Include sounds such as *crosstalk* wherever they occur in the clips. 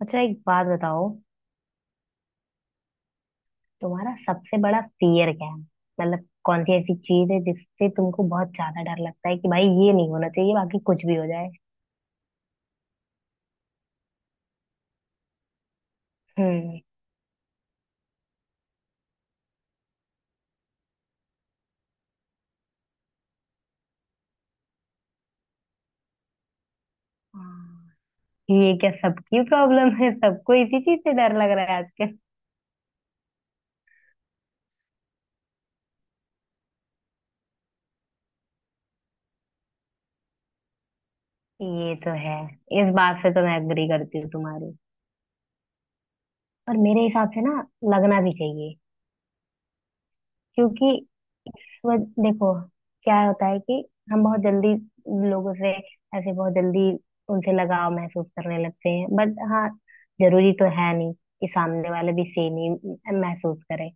अच्छा, एक बात बताओ। तुम्हारा सबसे बड़ा फियर क्या है? मतलब कौन सी ऐसी चीज है जिससे तुमको बहुत ज्यादा डर लगता है कि भाई ये नहीं होना चाहिए, बाकी कुछ भी हो जाए। हम्म। हाँ, ये क्या सबकी प्रॉब्लम है? सबको इसी चीज से डर लग रहा है आजकल। ये तो है। इस बात से तो मैं एग्री करती हूँ तुम्हारी। पर मेरे हिसाब से ना, लगना भी चाहिए, क्योंकि देखो, क्या होता है कि हम बहुत जल्दी लोगों से, ऐसे बहुत जल्दी उनसे लगाव महसूस करने लगते हैं, बट हाँ, जरूरी तो है नहीं कि सामने वाले भी सेम ही महसूस करे।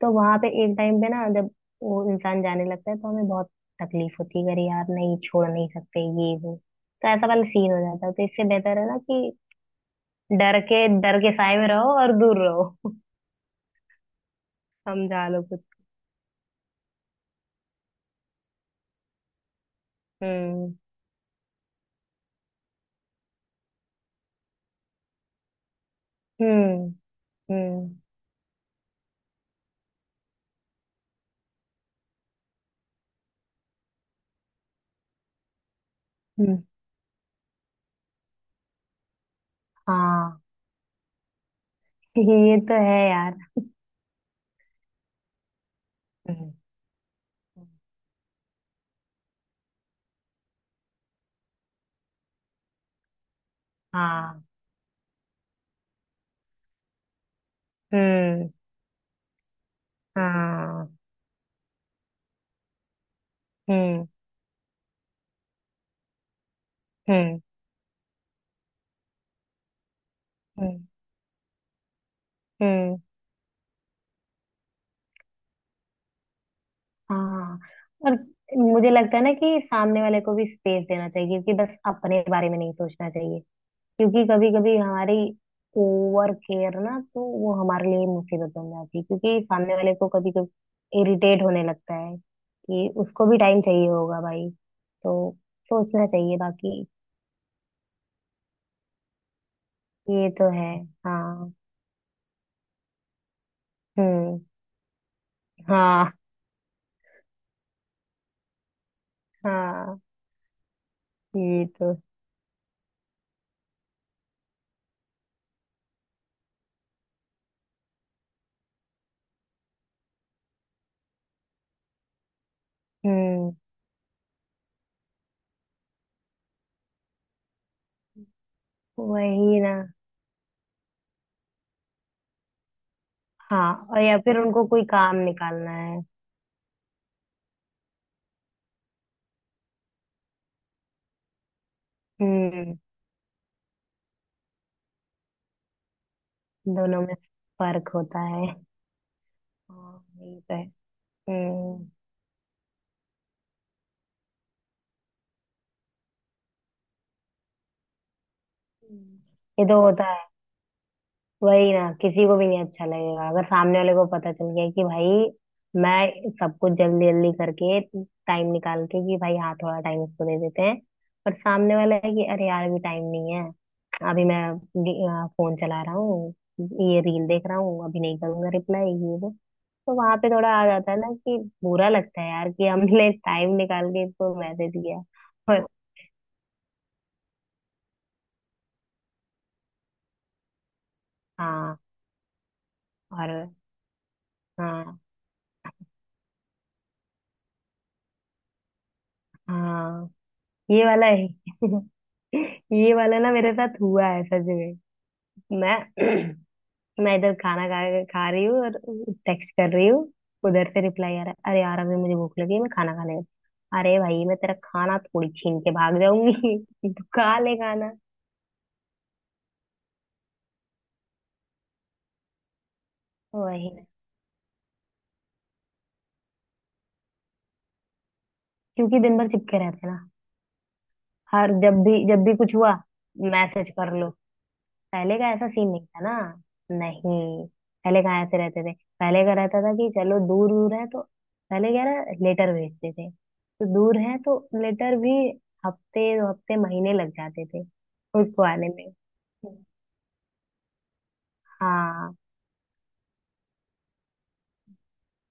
तो वहां पे एक टाइम पे ना, जब वो इंसान जाने लगता है तो हमें बहुत तकलीफ होती है कि अरे यार, नहीं छोड़ नहीं सकते, ये वो, तो ऐसा वाला सीन हो जाता है। तो इससे बेहतर है ना कि डर के साए में रहो और दूर रहो। *laughs* समझा लो कुछ। हम्म। हम्म। हम्म। हम्म। हाँ, ये तो है यार। हम्म, हाँ। हम्म। हाँ। हम्म। हम्म। हम्म। हम्म, हाँ। और मुझे लगता है ना कि सामने वाले को भी स्पेस देना चाहिए, क्योंकि बस अपने बारे में नहीं सोचना चाहिए। क्योंकि कभी कभी हमारी ओवर केयर ना, तो वो हमारे लिए मुसीबत बन जाती है, क्योंकि सामने वाले को कभी कभी इरिटेट होने लगता है कि उसको भी टाइम चाहिए होगा भाई। तो सोचना चाहिए बाकी। ये तो है। हाँ। हम्म। हाँ। हाँ। ये तो। हम्म। वही ना। हाँ। और या फिर उनको कोई काम निकालना है। हम्म। दोनों में फर्क होता है। हाँ, ये तो है। हम्म। ये तो होता है। वही ना, किसी को भी नहीं अच्छा लगेगा अगर सामने वाले को पता चल गया कि भाई मैं सब कुछ जल्दी जल्दी करके, टाइम निकाल के कि भाई हाँ थोड़ा टाइम इसको दे देते हैं, पर सामने वाला है कि अरे यार अभी टाइम नहीं है, अभी मैं फोन चला रहा हूँ, ये रील देख रहा हूँ, अभी नहीं करूंगा रिप्लाई ये वो। तो वहां पे थोड़ा आ जाता है ना कि बुरा लगता है यार कि हमने टाइम निकाल के इसको मैसेज किया। और, हाँ, और हाँ, हाँ। ये वाला है। *laughs* ये वाला ना मेरे साथ हुआ है सच में। मैं *clears throat* मैं इधर खाना खा खा रही हूँ और टेक्स्ट कर रही हूँ, उधर से रिप्लाई आ रहा है अरे यार अभी मुझे भूख लगी है, मैं खाना खाने गई। अरे भाई, मैं तेरा खाना थोड़ी छीन के भाग जाऊंगी। *laughs* तू खा ले खाना। वही ना, क्योंकि दिन भर चिपके रहते हैं ना। हर जब भी कुछ हुआ, मैसेज कर लो। पहले का ऐसा सीन नहीं था ना। नहीं, पहले कहाँ ऐसे रहते थे। पहले का रहता था कि चलो दूर दूर है तो, पहले क्या रहा, लेटर भेजते थे तो दूर है तो लेटर भी हफ्ते, दो हफ्ते, महीने लग जाते थे उसको आने में। हाँ।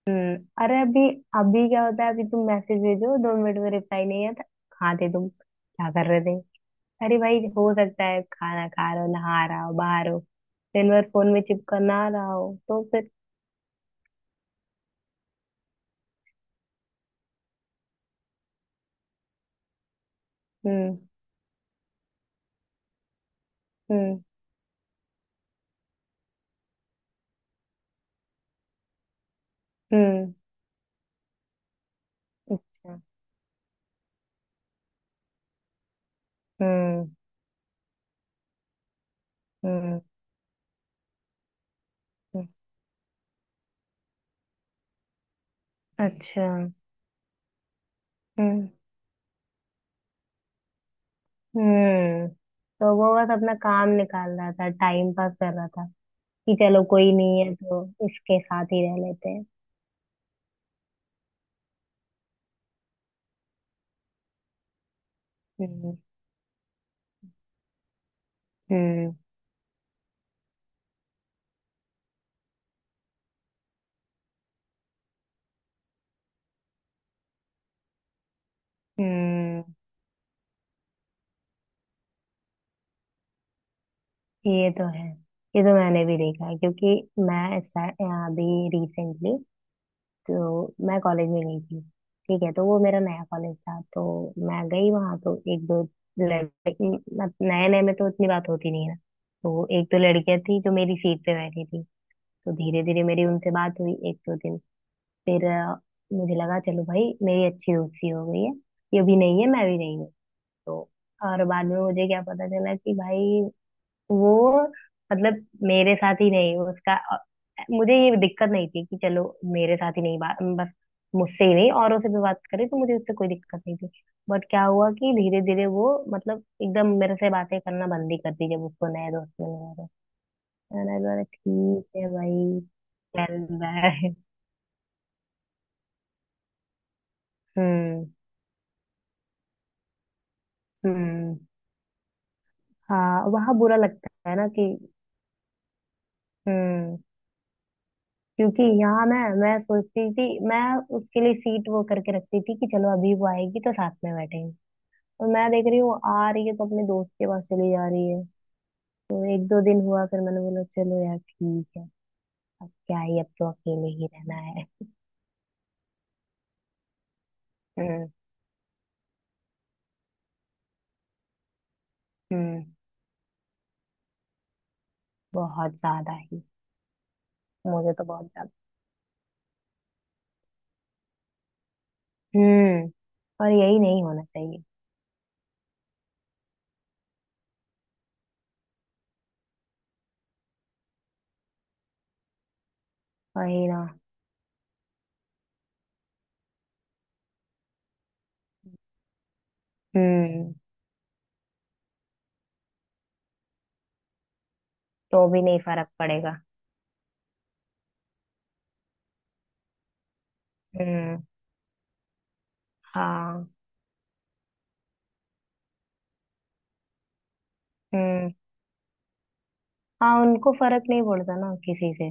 हम्म। अरे अभी, अभी क्या होता है, अभी तुम मैसेज भेजो 2 मिनट में रिप्लाई नहीं आता, कहाँ थे तुम, क्या कर रहे थे? अरे भाई हो सकता है खाना खा रहे हो, नहा रहा हो, बाहर हो, दिन भर फोन में चिपका ना रहा हो तो फिर। हम्म। हम्म। हम्म। अच्छा। हम्म। हम्म। हम्म, अच्छा। हम्म। हम्म। तो वो बस अपना काम निकाल रहा था, टाइम पास कर रहा था, कि चलो कोई नहीं है तो इसके साथ ही रह लेते हैं। हम्म। हम्म। हम्म। ये तो है। ये तो मैंने भी देखा है, क्योंकि मैं ऐसा- अभी रिसेंटली तो मैं कॉलेज में गई थी। ठीक है, तो वो मेरा नया कॉलेज था, तो मैं गई वहां। तो एक दो लड़के, नए नए में तो इतनी बात होती नहीं है। तो एक दो लड़कियां थी जो मेरी सीट पे बैठी थी, तो धीरे धीरे मेरी उनसे बात हुई एक दो दिन। फिर मुझे लगा चलो भाई, मेरी अच्छी दोस्ती हो गई है, ये भी नहीं है मैं भी नहीं हूँ तो। और बाद में मुझे क्या पता चला कि भाई वो, मतलब मेरे साथ ही नहीं उसका, मुझे ये दिक्कत नहीं थी कि चलो मेरे साथ ही नहीं बात, बस मुझसे ही नहीं औरों से भी बात करे तो मुझे उससे कोई दिक्कत नहीं थी। बट क्या हुआ कि धीरे धीरे वो मतलब एकदम मेरे से बातें करना बंद ही कर दी जब उसको नए दोस्त मिल गए थे। मैंने बोला ठीक है भाई, चल बाय। *laughs* हम्म। हम्म। हाँ, वहाँ बुरा लगता है ना कि। हम्म, क्योंकि यहाँ मैं सोचती थी, मैं उसके लिए सीट वो करके रखती थी कि चलो अभी वो आएगी तो साथ में बैठेंगे, और मैं देख रही हूँ वो आ रही है तो अपने दोस्त के पास चली जा रही है। तो एक दो दिन हुआ फिर मैंने बोला चलो यार ठीक है, अब क्या ही, अब तो अकेले ही रहना है। हम्म। हम्म। *laughs* बहुत ज्यादा ही। मुझे तो बहुत ज्यादा। हम्म। और यही नहीं होना चाहिए। वही ना। हम्म। तो भी नहीं फर्क पड़ेगा। हम्म। हाँ। हम्म। हाँ, उनको फर्क नहीं पड़ता ना किसी से।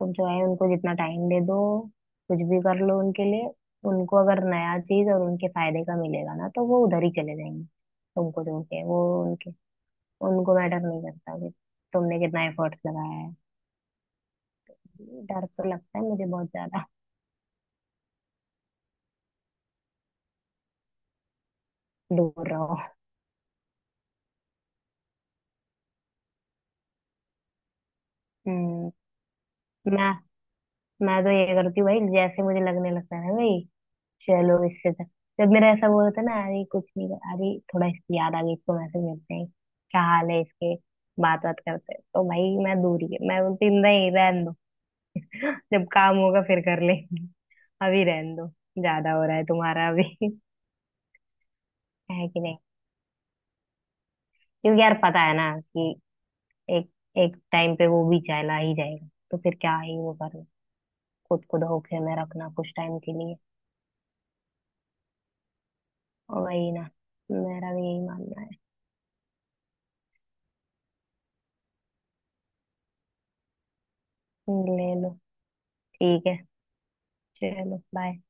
तुम जो है उनको जितना टाइम दे दो, कुछ भी कर लो उनके लिए, उनको अगर नया चीज और उनके फायदे का मिलेगा ना, तो वो उधर ही चले जाएंगे। तुमको छोड़ के वो उनके, उनको मैटर नहीं करता कि तुमने कितना एफर्ट्स लगाया है। डर तो लगता है मुझे बहुत ज्यादा। *laughs* दूर रहो। हम्म। मैं मैं तो ये करती हूँ भाई, जैसे मुझे लगने लगता है ना भाई, चलो इससे तो, जब मेरा ऐसा वो होता है ना अरे कुछ नहीं अरे थोड़ा इसकी याद आ गई इसको मैसेज भेजते हैं, क्या हाल है इसके, बात बात करते हैं, तो भाई मैं दूर ही, मैं बोलती हूँ, नहीं रहने दो, जब काम होगा फिर कर लेंगे, अभी रहने दो, ज्यादा हो रहा है तुम्हारा अभी, है कि नहीं। क्योंकि यार पता है ना कि एक, एक टाइम पे वो भी चला ही जाएगा तो फिर क्या ही वो करना, खुद को धोखे में रखना कुछ टाइम के लिए। और वही ना, मेरा भी यही मानना है। ले लो, ठीक है, चलो बाय।